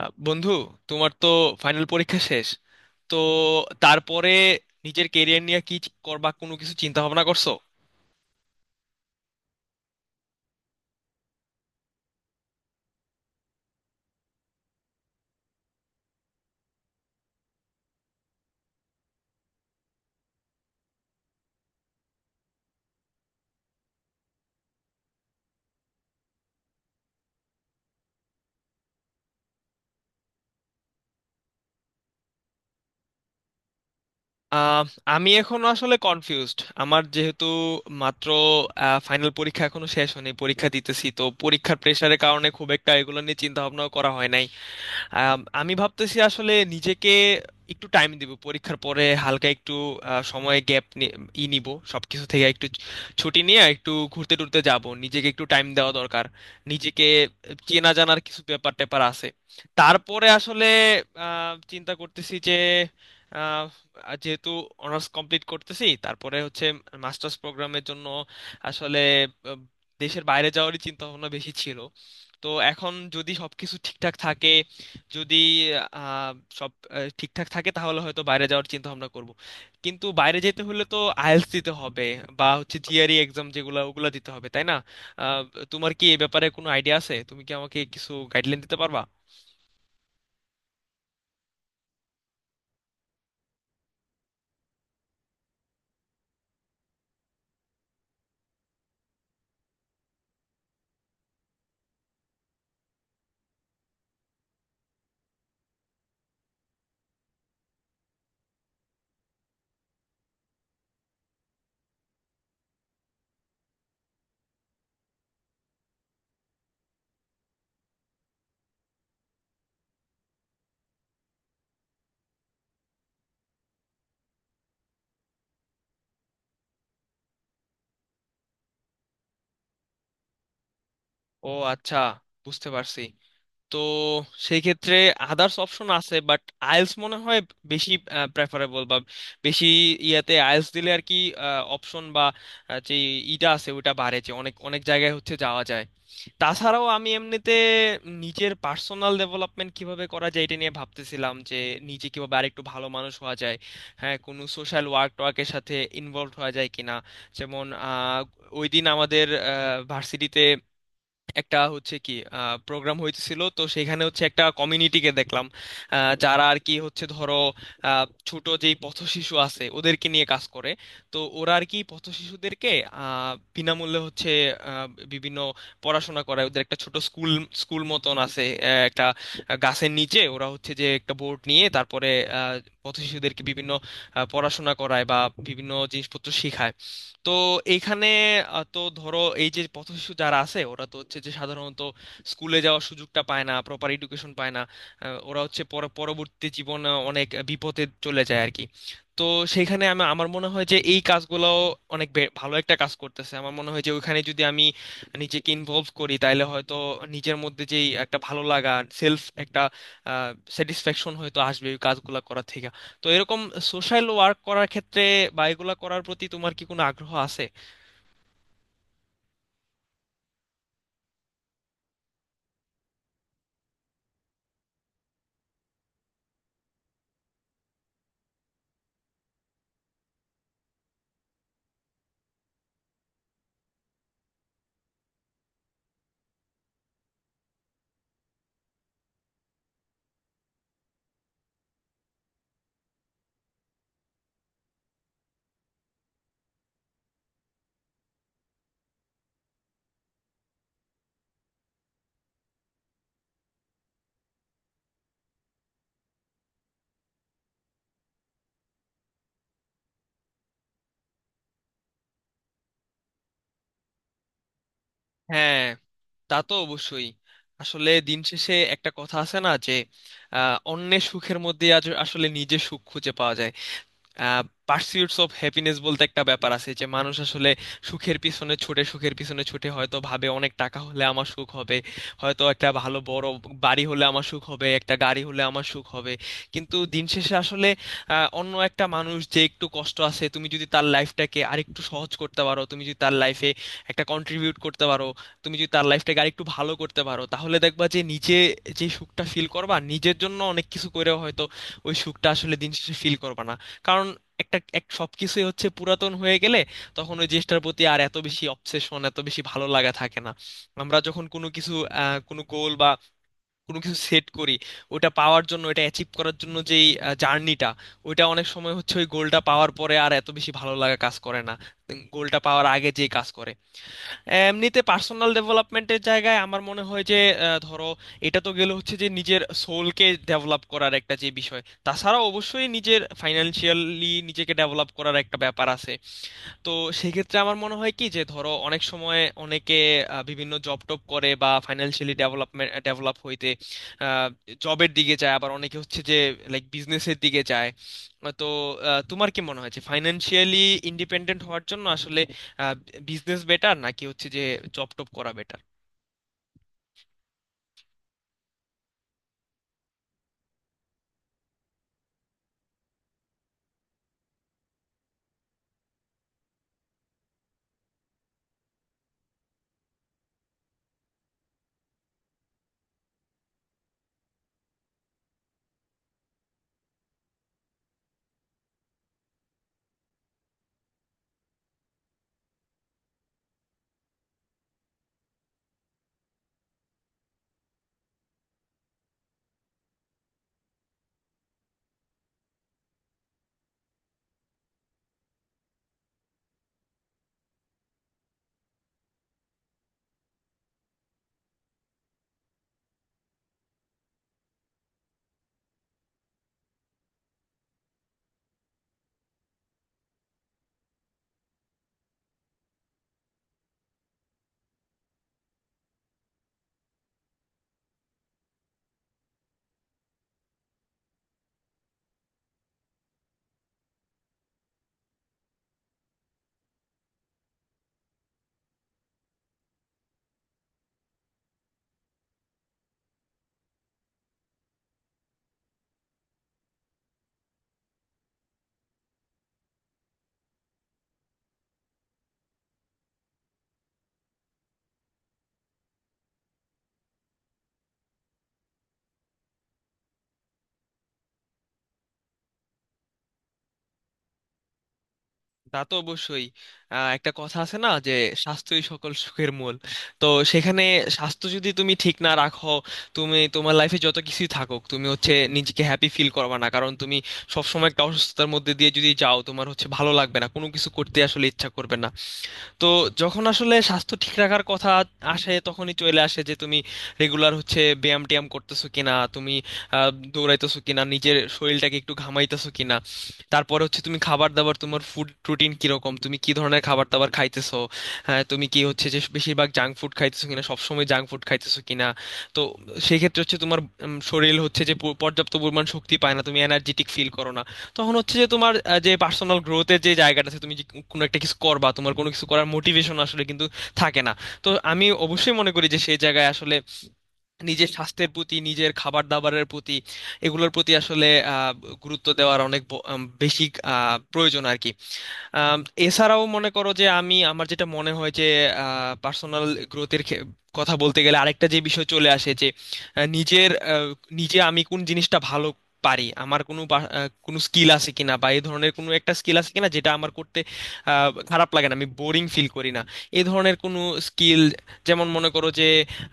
বন্ধু, তোমার তো ফাইনাল পরীক্ষা শেষ। তো তারপরে নিজের কেরিয়ার নিয়ে কি করবা? কোনো কিছু চিন্তা ভাবনা করছো? আহ, আমি এখনো আসলে কনফিউজড। আমার যেহেতু মাত্র ফাইনাল পরীক্ষা এখনো শেষ হয়নি, পরীক্ষা দিতেছি, তো পরীক্ষার প্রেশারের কারণে খুব একটা এগুলো নিয়ে চিন্তা ভাবনা করা হয় নাই। আমি ভাবতেছি আসলে নিজেকে একটু টাইম দিব পরীক্ষার পরে। হালকা একটু সময় গ্যাপ ই নিব, সবকিছু থেকে একটু ছুটি নিয়ে একটু ঘুরতে টুরতে যাব। নিজেকে একটু টাইম দেওয়া দরকার, নিজেকে চেনা জানার কিছু ব্যাপার ট্যাপার আছে। তারপরে আসলে চিন্তা করতেছি যে আহ, যেহেতু অনার্স কমপ্লিট করতেছি, তারপরে হচ্ছে মাস্টার্স প্রোগ্রামের জন্য আসলে আহ, দেশের বাইরে যাওয়ারই চিন্তা ভাবনা বেশি ছিল। তো এখন যদি সবকিছু ঠিকঠাক থাকে, যদি আহ, সব ঠিকঠাক থাকে তাহলে হয়তো বাইরে যাওয়ার চিন্তা ভাবনা করব। কিন্তু বাইরে যেতে হলে তো আইএলটিএস দিতে হবে, বা হচ্ছে জিআরই এক্সাম, যেগুলো ওগুলো দিতে হবে, তাই না? আহ, তোমার কি এই ব্যাপারে কোনো আইডিয়া আছে? তুমি কি আমাকে কিছু গাইডলাইন দিতে পারবা? ও আচ্ছা, বুঝতে পারছি। তো সেই ক্ষেত্রে আদার্স অপশন আছে, বাট আইএলস মনে হয় বেশি প্রেফারেবল, বা বেশি ইয়াতে। আইএলস দিলে আর কি অপশন, বা যে ইটা আছে ওটা বাড়ে, যে অনেক অনেক জায়গায় হচ্ছে যাওয়া যায়। তাছাড়াও আমি এমনিতে নিজের পার্সোনাল ডেভেলপমেন্ট কিভাবে করা যায় এটা নিয়ে ভাবতেছিলাম যে নিজে কিভাবে আরেকটু ভালো মানুষ হওয়া যায়, হ্যাঁ কোনো সোশ্যাল ওয়ার্ক টোয়ার্কের সাথে ইনভলভ হওয়া যায় কিনা। যেমন ওই দিন আমাদের ভার্সিটিতে একটা হচ্ছে কি প্রোগ্রাম হইতেছিল, তো সেখানে হচ্ছে একটা কমিউনিটিকে দেখলাম, যারা আর কি হচ্ছে, ধরো ছোট যেই পথশিশু আছে ওদেরকে নিয়ে কাজ করে। তো ওরা আর কি পথশিশুদেরকে বিনামূল্যে হচ্ছে আহ, বিভিন্ন পড়াশোনা করায়। ওদের একটা ছোট স্কুল স্কুল মতন আছে, একটা গাছের নিচে ওরা হচ্ছে যে একটা বোর্ড নিয়ে, তারপরে আহ, পথশিশুদেরকে বিভিন্ন পড়াশোনা করায় বা বিভিন্ন জিনিসপত্র শেখায়। তো এইখানে তো ধরো এই যে পথশিশু যারা আছে ওরা তো হচ্ছে যে সাধারণত স্কুলে যাওয়ার সুযোগটা পায় না, প্রপার এডুকেশন পায় না। ওরা হচ্ছে পরবর্তী জীবন অনেক বিপদে চলে যায় আর কি। তো সেইখানে আমি, আমার মনে হয় যে এই কাজগুলো অনেক ভালো একটা কাজ করতেছে। আমার মনে হয় যে ওইখানে যদি আমি নিজেকে ইনভলভ করি তাহলে হয়তো নিজের মধ্যে যেই একটা ভালো লাগা, সেলফ একটা স্যাটিসফ্যাকশন হয়তো আসবে ওই কাজগুলো করা থেকে। তো এরকম সোশ্যাল ওয়ার্ক করার ক্ষেত্রে বা এগুলা করার প্রতি তোমার কি কোনো আগ্রহ আছে? হ্যাঁ, তা তো অবশ্যই। আসলে দিন শেষে একটা কথা আছে না যে অন্যের সুখের মধ্যে আজ আসলে নিজের সুখ খুঁজে পাওয়া যায়। পার্সিউটস অফ হ্যাপিনেস বলতে একটা ব্যাপার আছে যে মানুষ আসলে সুখের পিছনে ছুটে সুখের পিছনে ছুটে হয়তো ভাবে অনেক টাকা হলে আমার সুখ হবে, হয়তো একটা ভালো বড় বাড়ি হলে আমার সুখ হবে, একটা গাড়ি হলে আমার সুখ হবে। কিন্তু দিন শেষে আসলে অন্য একটা মানুষ যে একটু কষ্ট আছে, তুমি যদি তার লাইফটাকে আরেকটু সহজ করতে পারো, তুমি যদি তার লাইফে একটা কন্ট্রিবিউট করতে পারো, তুমি যদি তার লাইফটাকে আরেকটু ভালো করতে পারো, তাহলে দেখবা যে নিজে যে সুখটা ফিল করবা, নিজের জন্য অনেক কিছু করেও হয়তো ওই সুখটা আসলে দিন শেষে ফিল করবা না। কারণ এক সবকিছুই হচ্ছে পুরাতন হয়ে গেলে তখন ওই জিনিসটার প্রতি আর এত বেশি অবসেশন, এত বেশি ভালো লাগা থাকে না। আমরা যখন কোনো কিছু, কোনো গোল বা কোনো কিছু সেট করি, ওটা পাওয়ার জন্য, ওটা অ্যাচিভ করার জন্য যেই জার্নিটা, ওইটা অনেক সময় হচ্ছে ওই গোলটা পাওয়ার পরে আর এত বেশি ভালো লাগা কাজ করে না, গোলটা পাওয়ার আগে যে কাজ করে। এমনিতে পার্সোনাল ডেভেলপমেন্টের জায়গায় আমার মনে হয় যে ধরো এটা তো গেলে হচ্ছে যে নিজের সোলকে ডেভেলপ করার একটা যে বিষয়। তাছাড়া অবশ্যই নিজের ফাইনান্সিয়ালি নিজেকে ডেভেলপ করার একটা ব্যাপার আছে। তো সেক্ষেত্রে আমার মনে হয় কি যে ধরো অনেক সময় অনেকে বিভিন্ন জব টপ করে বা ফাইন্যান্সিয়ালি ডেভেলপ হইতে জবের দিকে যায়, আবার অনেকে হচ্ছে যে লাইক বিজনেসের দিকে যায়। তো তোমার কি মনে হয় যে ফাইন্যান্সিয়ালি ইন্ডিপেন্ডেন্ট হওয়ার জন্য আসলে বিজনেস বেটার, নাকি হচ্ছে যে জব টপ করা বেটার? তা তো অবশ্যই। একটা কথা আছে না যে স্বাস্থ্যই সকল সুখের মূল। তো সেখানে স্বাস্থ্য যদি তুমি ঠিক না রাখো, তুমি তোমার লাইফে যত কিছুই থাকুক, তুমি হচ্ছে নিজেকে হ্যাপি ফিল করবে না, কারণ তুমি সবসময় একটা অসুস্থতার মধ্যে দিয়ে যদি যাও তোমার হচ্ছে ভালো লাগবে না, কোনো কিছু করতে আসলে ইচ্ছা করবে না। তো যখন আসলে স্বাস্থ্য ঠিক রাখার কথা আসে, তখনই চলে আসে যে তুমি রেগুলার হচ্ছে ব্যায়াম ট্যায়াম করতেছো কিনা, তুমি আহ, দৌড়াইতেছো কিনা, নিজের শরীরটাকে একটু ঘামাইতেছো কিনা। তারপরে হচ্ছে তুমি খাবার দাবার, তোমার ফুড রুটিন কিরকম, তুমি কি ধরনের খাবার দাবার খাইতেছো। হ্যাঁ, তুমি কি হচ্ছে যে বেশিরভাগ জাঙ্ক ফুড খাইতেছো কিনা, সবসময় জাঙ্ক ফুড খাইতেছো কিনা। তো সেই ক্ষেত্রে হচ্ছে তোমার শরীর হচ্ছে যে পর্যাপ্ত পরিমাণ শক্তি পায় না, তুমি এনার্জেটিক ফিল করো না। তখন হচ্ছে যে তোমার যে পার্সোনাল গ্রোথের যে জায়গাটা আছে, তুমি যে কোনো একটা কিছু করবা তোমার কোনো কিছু করার মোটিভেশন আসলে কিন্তু থাকে না। তো আমি অবশ্যই মনে করি যে সেই জায়গায় আসলে নিজের স্বাস্থ্যের প্রতি, নিজের খাবার দাবারের প্রতি, এগুলোর প্রতি আসলে আহ, গুরুত্ব দেওয়ার অনেক বেশি প্রয়োজন আর কি। আম, এছাড়াও মনে করো যে আমার যেটা মনে হয় যে পার্সোনাল গ্রোথের কথা বলতে গেলে আরেকটা যে বিষয় চলে আসে যে নিজের, নিজে আমি কোন জিনিসটা ভালো পারি, আমার কোনো কোনো স্কিল আছে কিনা, বা এই ধরনের কোনো একটা স্কিল আছে কিনা যেটা আমার করতে খারাপ লাগে না, আমি বোরিং ফিল করি না। এই ধরনের কোনো স্কিল, যেমন মনে করো যে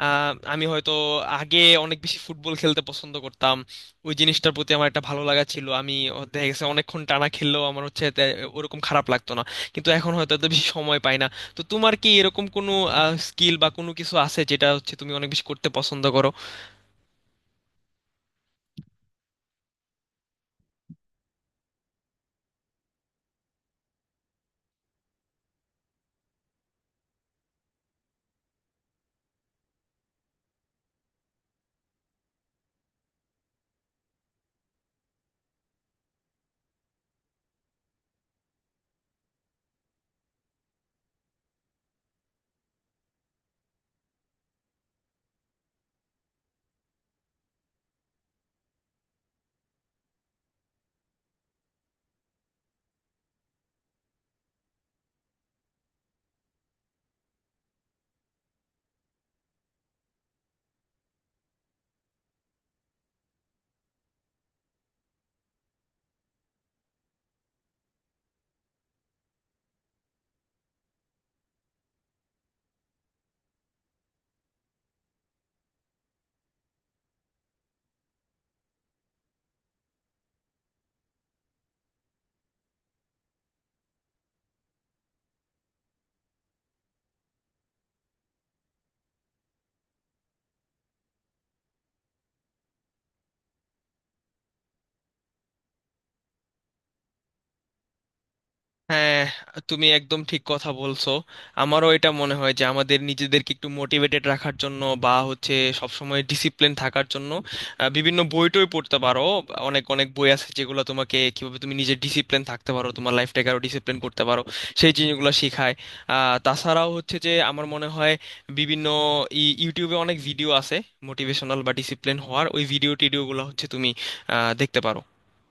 আমি হয়তো আগে অনেক বেশি ফুটবল খেলতে পছন্দ করতাম, ওই জিনিসটার প্রতি আমার একটা ভালো লাগা ছিল। আমি দেখা গেছে অনেকক্ষণ টানা খেললেও আমার হচ্ছে ওরকম খারাপ লাগতো না। কিন্তু এখন হয়তো এত বেশি সময় পাই না। তো তোমার কি এরকম কোনো স্কিল বা কোনো কিছু আছে যেটা হচ্ছে তুমি অনেক বেশি করতে পছন্দ করো? হ্যাঁ, তুমি একদম ঠিক কথা বলছো। আমারও এটা মনে হয় যে আমাদের নিজেদেরকে একটু মোটিভেটেড রাখার জন্য, বা হচ্ছে সবসময় ডিসিপ্লিন থাকার জন্য, বিভিন্ন বই টই পড়তে পারো। অনেক অনেক বই আছে যেগুলো তোমাকে কিভাবে তুমি নিজে ডিসিপ্লিন থাকতে পারো, তোমার লাইফটাকে আরো ডিসিপ্লিন করতে পারো, সেই জিনিসগুলো শেখায়। তাছাড়াও হচ্ছে যে আমার মনে হয় বিভিন্ন ইউটিউবে অনেক ভিডিও আছে, মোটিভেশনাল বা ডিসিপ্লিন হওয়ার ওই ভিডিও টিডিওগুলো হচ্ছে তুমি দেখতে পারো।